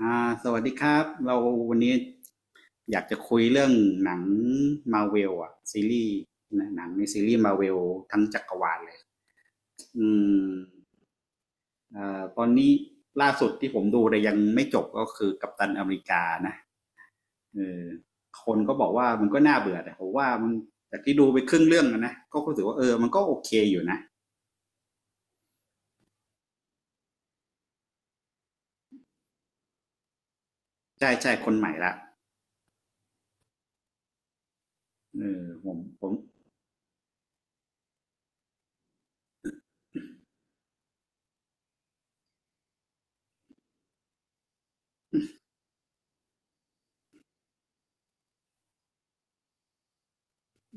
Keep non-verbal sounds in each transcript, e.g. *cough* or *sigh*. สวัสดีครับเราวันนี้อยากจะคุยเรื่องหนังมาเวลอะซีรีส์นะหนังในซีรีส์มาเวลทั้งจักรวาลเลยอืมตอนนี้ล่าสุดที่ผมดูแต่ยังไม่จบก็คือกัปตันอเมริกานะเออคนก็บอกว่ามันก็น่าเบื่อแต่ผมว่ามันจากที่ดูไปครึ่งเรื่องแล้วนะก็รู้สึกว่ามันก็โอเคอยู่นะใช่ใช่คนใหม่ละผม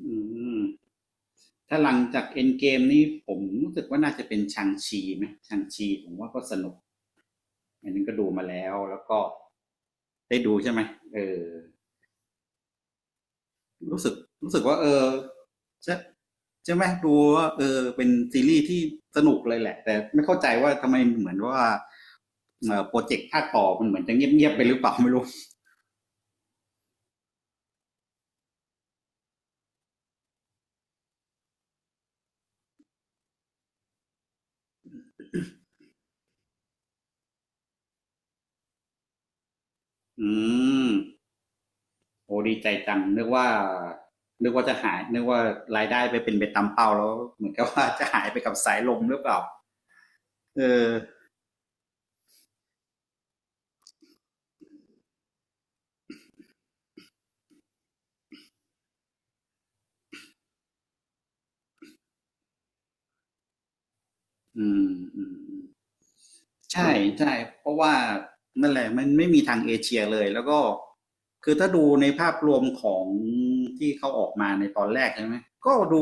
อืม ถ้าหลังจากเอ็นเกมนี่ผมรู้สึกว่าน่าจะเป็นชังชีไหมชังชีผมว่าก็สนุกอันนึงก็ดูมาแล้วแล้วก็ได้ดูใช่ไหมเออรู้สึกรู้สึกว่าใช่ใช่ไหมดูว่าเป็นซีรีส์ที่สนุกเลยแหละแต่ไม่เข้าใจว่าทำไมเหมือนว่าโปรเจกต์ภาคต่อมันเหมือนจะเงียบๆไปหรือเปล่าไม่รู้อืมโอ้ดีใจจังนึกว่าจะหายนึกว่ารายได้ไปเป็นไปตามเป้าแล้วเหมือนกับว่าจะหายไปกับสายลมหรือเปล่าเออ อืมอืมอืมใช่ใช่เพราะว่านั่นแหละมันไม่มีทางเอเชียเลยแล้วก็คือถ้าดูในภาพรวมของที่เขาออกมาในตอนแรกใช่ไหมก็ดู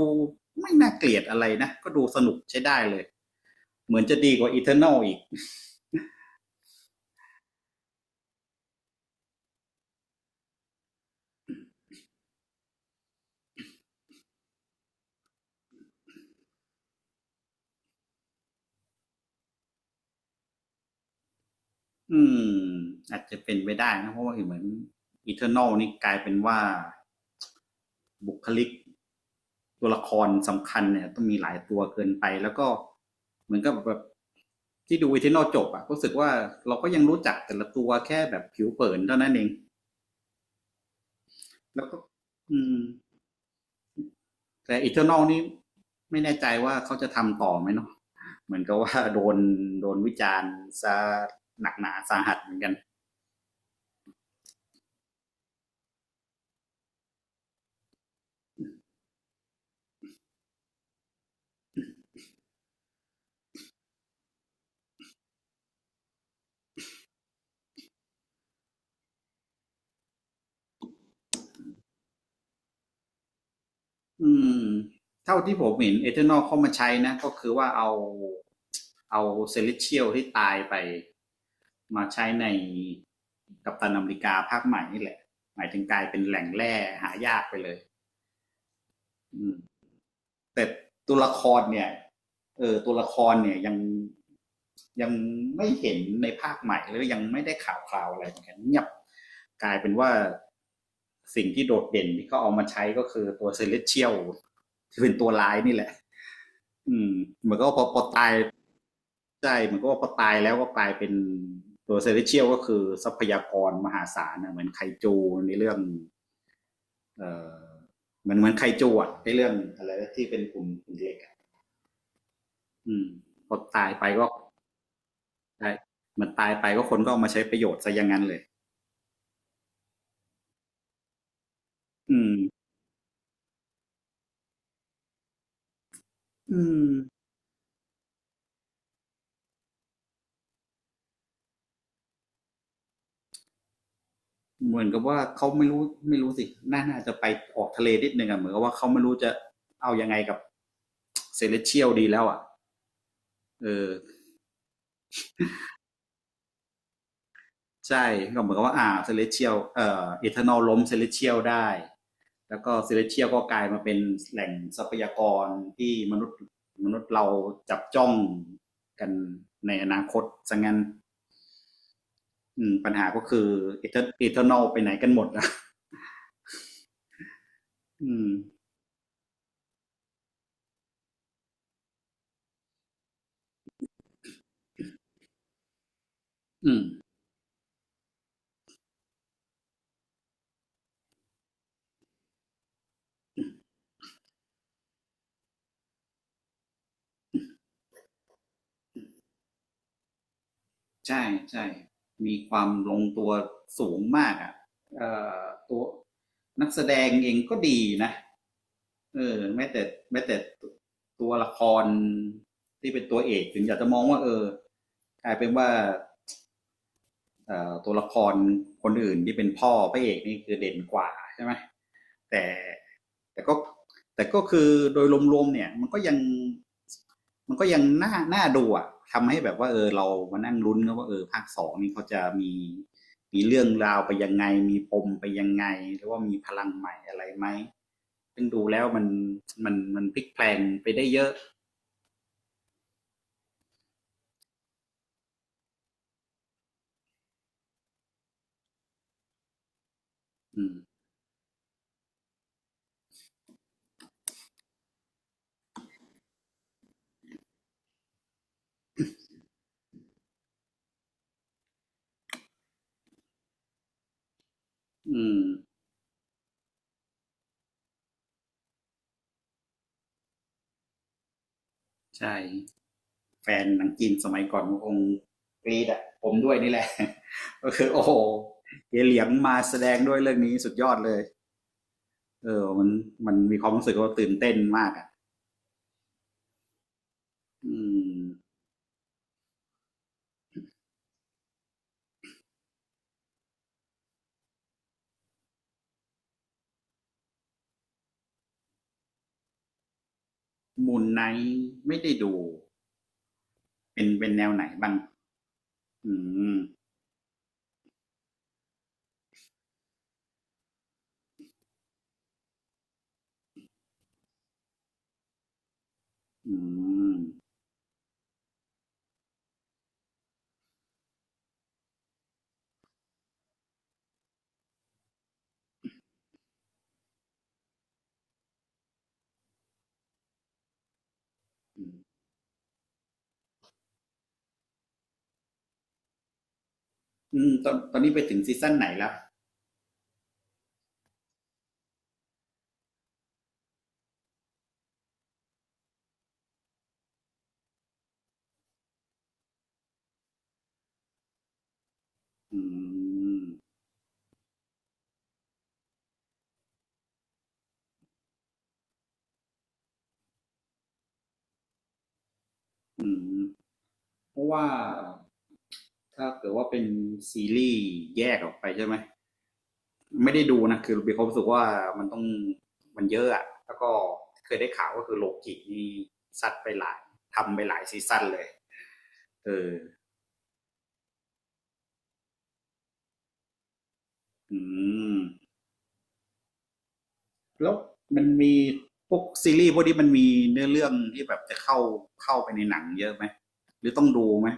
ไม่น่าเกลียดอะไรนะก็ดูสนุกใช้ได้เลยเหมือนจะดีกว่า Eternal อีกอืมอาจจะเป็นไปได้นะเพราะว่าเหมือน Eternal นี่กลายเป็นว่าบุคลิก ตัวละครสำคัญเนี่ยต้องมีหลายตัวเกินไปแล้วก็เหมือนกับแบบที่ดูวิทนอลจบอะรู้สึกว่าเราก็ยังรู้จักแต่ละตัวแค่แบบผิวเผินเท่านั้นเองแล้วก็อืมแต่อีเทอร์นอลนี่ไม่แน่ใจว่าเขาจะทำต่อไหมเนาะเหมือนกับว่าโดนวิจารณ์ซะหนักหนาสาหัสเหมือนกัน อืมเท่าที่ผมเห็นเอเทอร์นอเข้ามาใช้นะก็คือว่าเอาเซเลเชี a ลที่ตายไปมาใช้ในกัปตันอเมริกาภาคใหม่นี่แหละหมายถึงกลายเป็นแหล่งแร่หายากไปเลยแต่ตัวละครเนี่ยเออตัวละครเนี่ยยังไม่เห็นในภาคใหม่หรือยังไม่ได้ข่าวคราวอะไรเหมือนกันเงียบกลายเป็นว่าสิ่งที่โดดเด่นที่เขาเอามาใช้ก็คือตัวเซเลสเชียลที่เป็นตัวร้ายนี่แหละ อืมเหมือนก็พอตายใช่เหมือนก็พอตายแล้วก็กลายเป็นตัวเซเลสเชียลก็คือทรัพยากรมหาศาลนะเหมือนไคจูในเรื่องเอ่อเหมือนไคจูอะในเรื่องอะไรที่เป็นกลุ่มคุเล็กอะอืมพอตายไปก็ได้เหมันตายไปก็คนก็เอามาใช้ประโยชน์ซะอย่างนั้นเลยอืมอืมเหมือนกับว่าเขาไม่รู้ไม่รู้สิน่าจะไปออกทะเลนิดนึงอะเหมือนกับว่าเขาไม่รู้จะเอายังไงกับเซเลสเชียลดีแล้วอะเออ ใช่ก็เหมือนกับว่าเซเลเชียลเอทานอลล้มเซเลเชียลได้แล้วก็เซเลเชียลก็กลายมาเป็นแหล่งทรัพยากรที่มนุษย์เราจับจ้องกันในอนาคตสังงั้นปัญหาก็คือเอทานอลไปไหนกันหมดนะอืมอืม ใช่ใช่ มีความลงตัวสูงมากอ่ะเอ่อตัวนักแสดงเองก็ดีนะเออแม้แต่แม้แต่ตัวละครที่เป็นตัวเอกถึงอยากจะมองว่ากลายเป็นว่าตัวละครคนอื่นที่เป็นพ่อพระเอกนี่คือเด่นกว่าใช่ไหมแต่ แต่ก็แต่ก็คือโดยรวมๆเนี่ยมันก็ยังน่าดูอะทำให้แบบว่าเรามานั่งลุ้นกันว่าภาคสองนี่เขาจะมีเรื่องราวไปยังไงมีปมไปยังไงหรือว่ามีพลังใหม่อะไรไหมซึ่งดูแล้วมันพลิกแพลงไปได้เยอะอืมอืมใช่แฟนหนังจีนสมัยก่อนคงกรีดอะผมด้วยนี่แหละ *laughs* ก็คือโอ้โหเยเหลียงมาแสดงด้วยเรื่องนี้สุดยอดเลย เออมันมันมีความรู้สึกว่าตื่นเต้นมากอ่ะอืมมูนไนท์ไม่ได้ดู เป็นแนวไหนบ้างอืมอืมอืมอืมตอนนี้ไปถึงซีซั่นไหนแล้วอืมอืมเพราะว่าถ้าเกิดว่าเป็นซีรีส์แยกออกไปใช่ไหม ไม่ได้ดูนะ คือมีความรู้สึกว่ามันต้องมันเยอะอะแล้วก็เคยได้ข่าวก็คือโลกินี่ซัดไปหลาย ทำไปหลายซีซั่นเลยเอออืม แล้วมันมีพวกซีรีส์พวกนี้มันมีเนื้อเรื่องที่แบบจะเข้าไปในหนังเยอะไหมหรือต้องดูไหม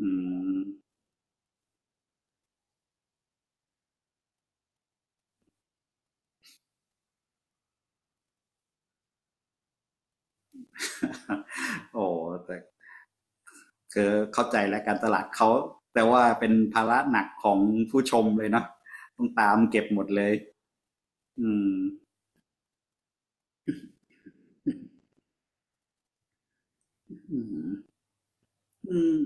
อืมโอ้แต่ก็เข้าใจแล้วการตลาดเขาแต่ว่าเป็นภาระหนักของผู้ชมเลยเนาะต้องตามเก็บหมดเลยอืมอืมอืม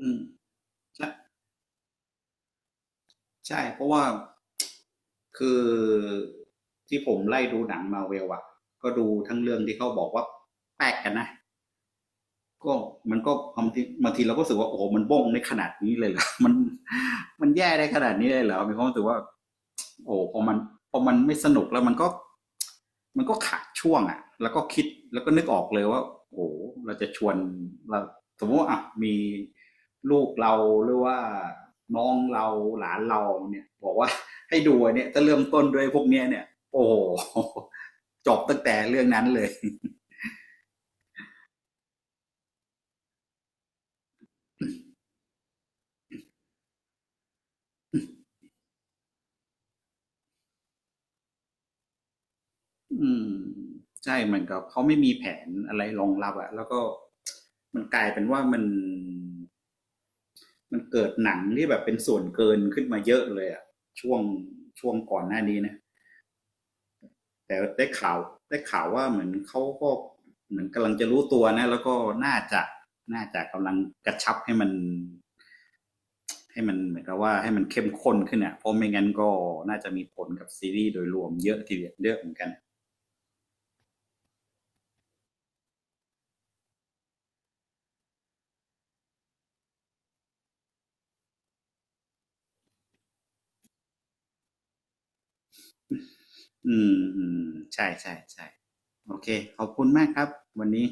อืมใช่ใช่เพราะว่าคือที่ผมไล่ดูหนังมาเวลอะก็ดูทั้งเรื่องที่เขาบอกว่าแปลกกันนะ ก็มันก็บางทีบางทีเราก็รู้สึกว่าโอ้โหมันบ้งในขนาดนี้เลยเหรอ *laughs* มันแย่ได้ขนาดนี้เลยเหรอมีความรู้สึกว่าโอ้พอมันไม่สนุกแล้วมันก็ขาดช่วงอ่ะแล้วก็คิดแล้วก็นึกออกเลยว่าโอ้เราจะชวนเราสมมติว่าอ่ะมีลูกเราหรือว่าน้องเราหลานเราเนี่ยบอกว่า *laughs* ให้ดูเนี่ยจะเริ่มต้นด้วยพวกเนี้ยเนี่ยโอ้โห *laughs* จบตั้งแต่เรื่องนั้นเลย อืมใช่เหมือนกับเขาไม่มีแผนอะไรรองรับอะแล้วก็มันกลายเป็นว่ามันเกิดหนังที่แบบเป็นส่วนเกินขึ้นมาเยอะเลยอะช่วงช่วงก่อนหน้านี้นะแต่ได้ข่าวว่าเหมือนเขาก็เหมือนกำลังจะรู้ตัวนะแล้วก็น่าจะน่าจะกำลังกระชับให้มันเหมือนกับว่าให้มันเข้มข้นขึ้นอะเพราะไม่งั้นก็น่าจะมีผลกับซีรีส์โดยรวมเยอะทีเดียวเยอะเหมือนกันอืมอืมใช่ใช่ใช่ โอเค ขอบคุณมากครับ วันนี้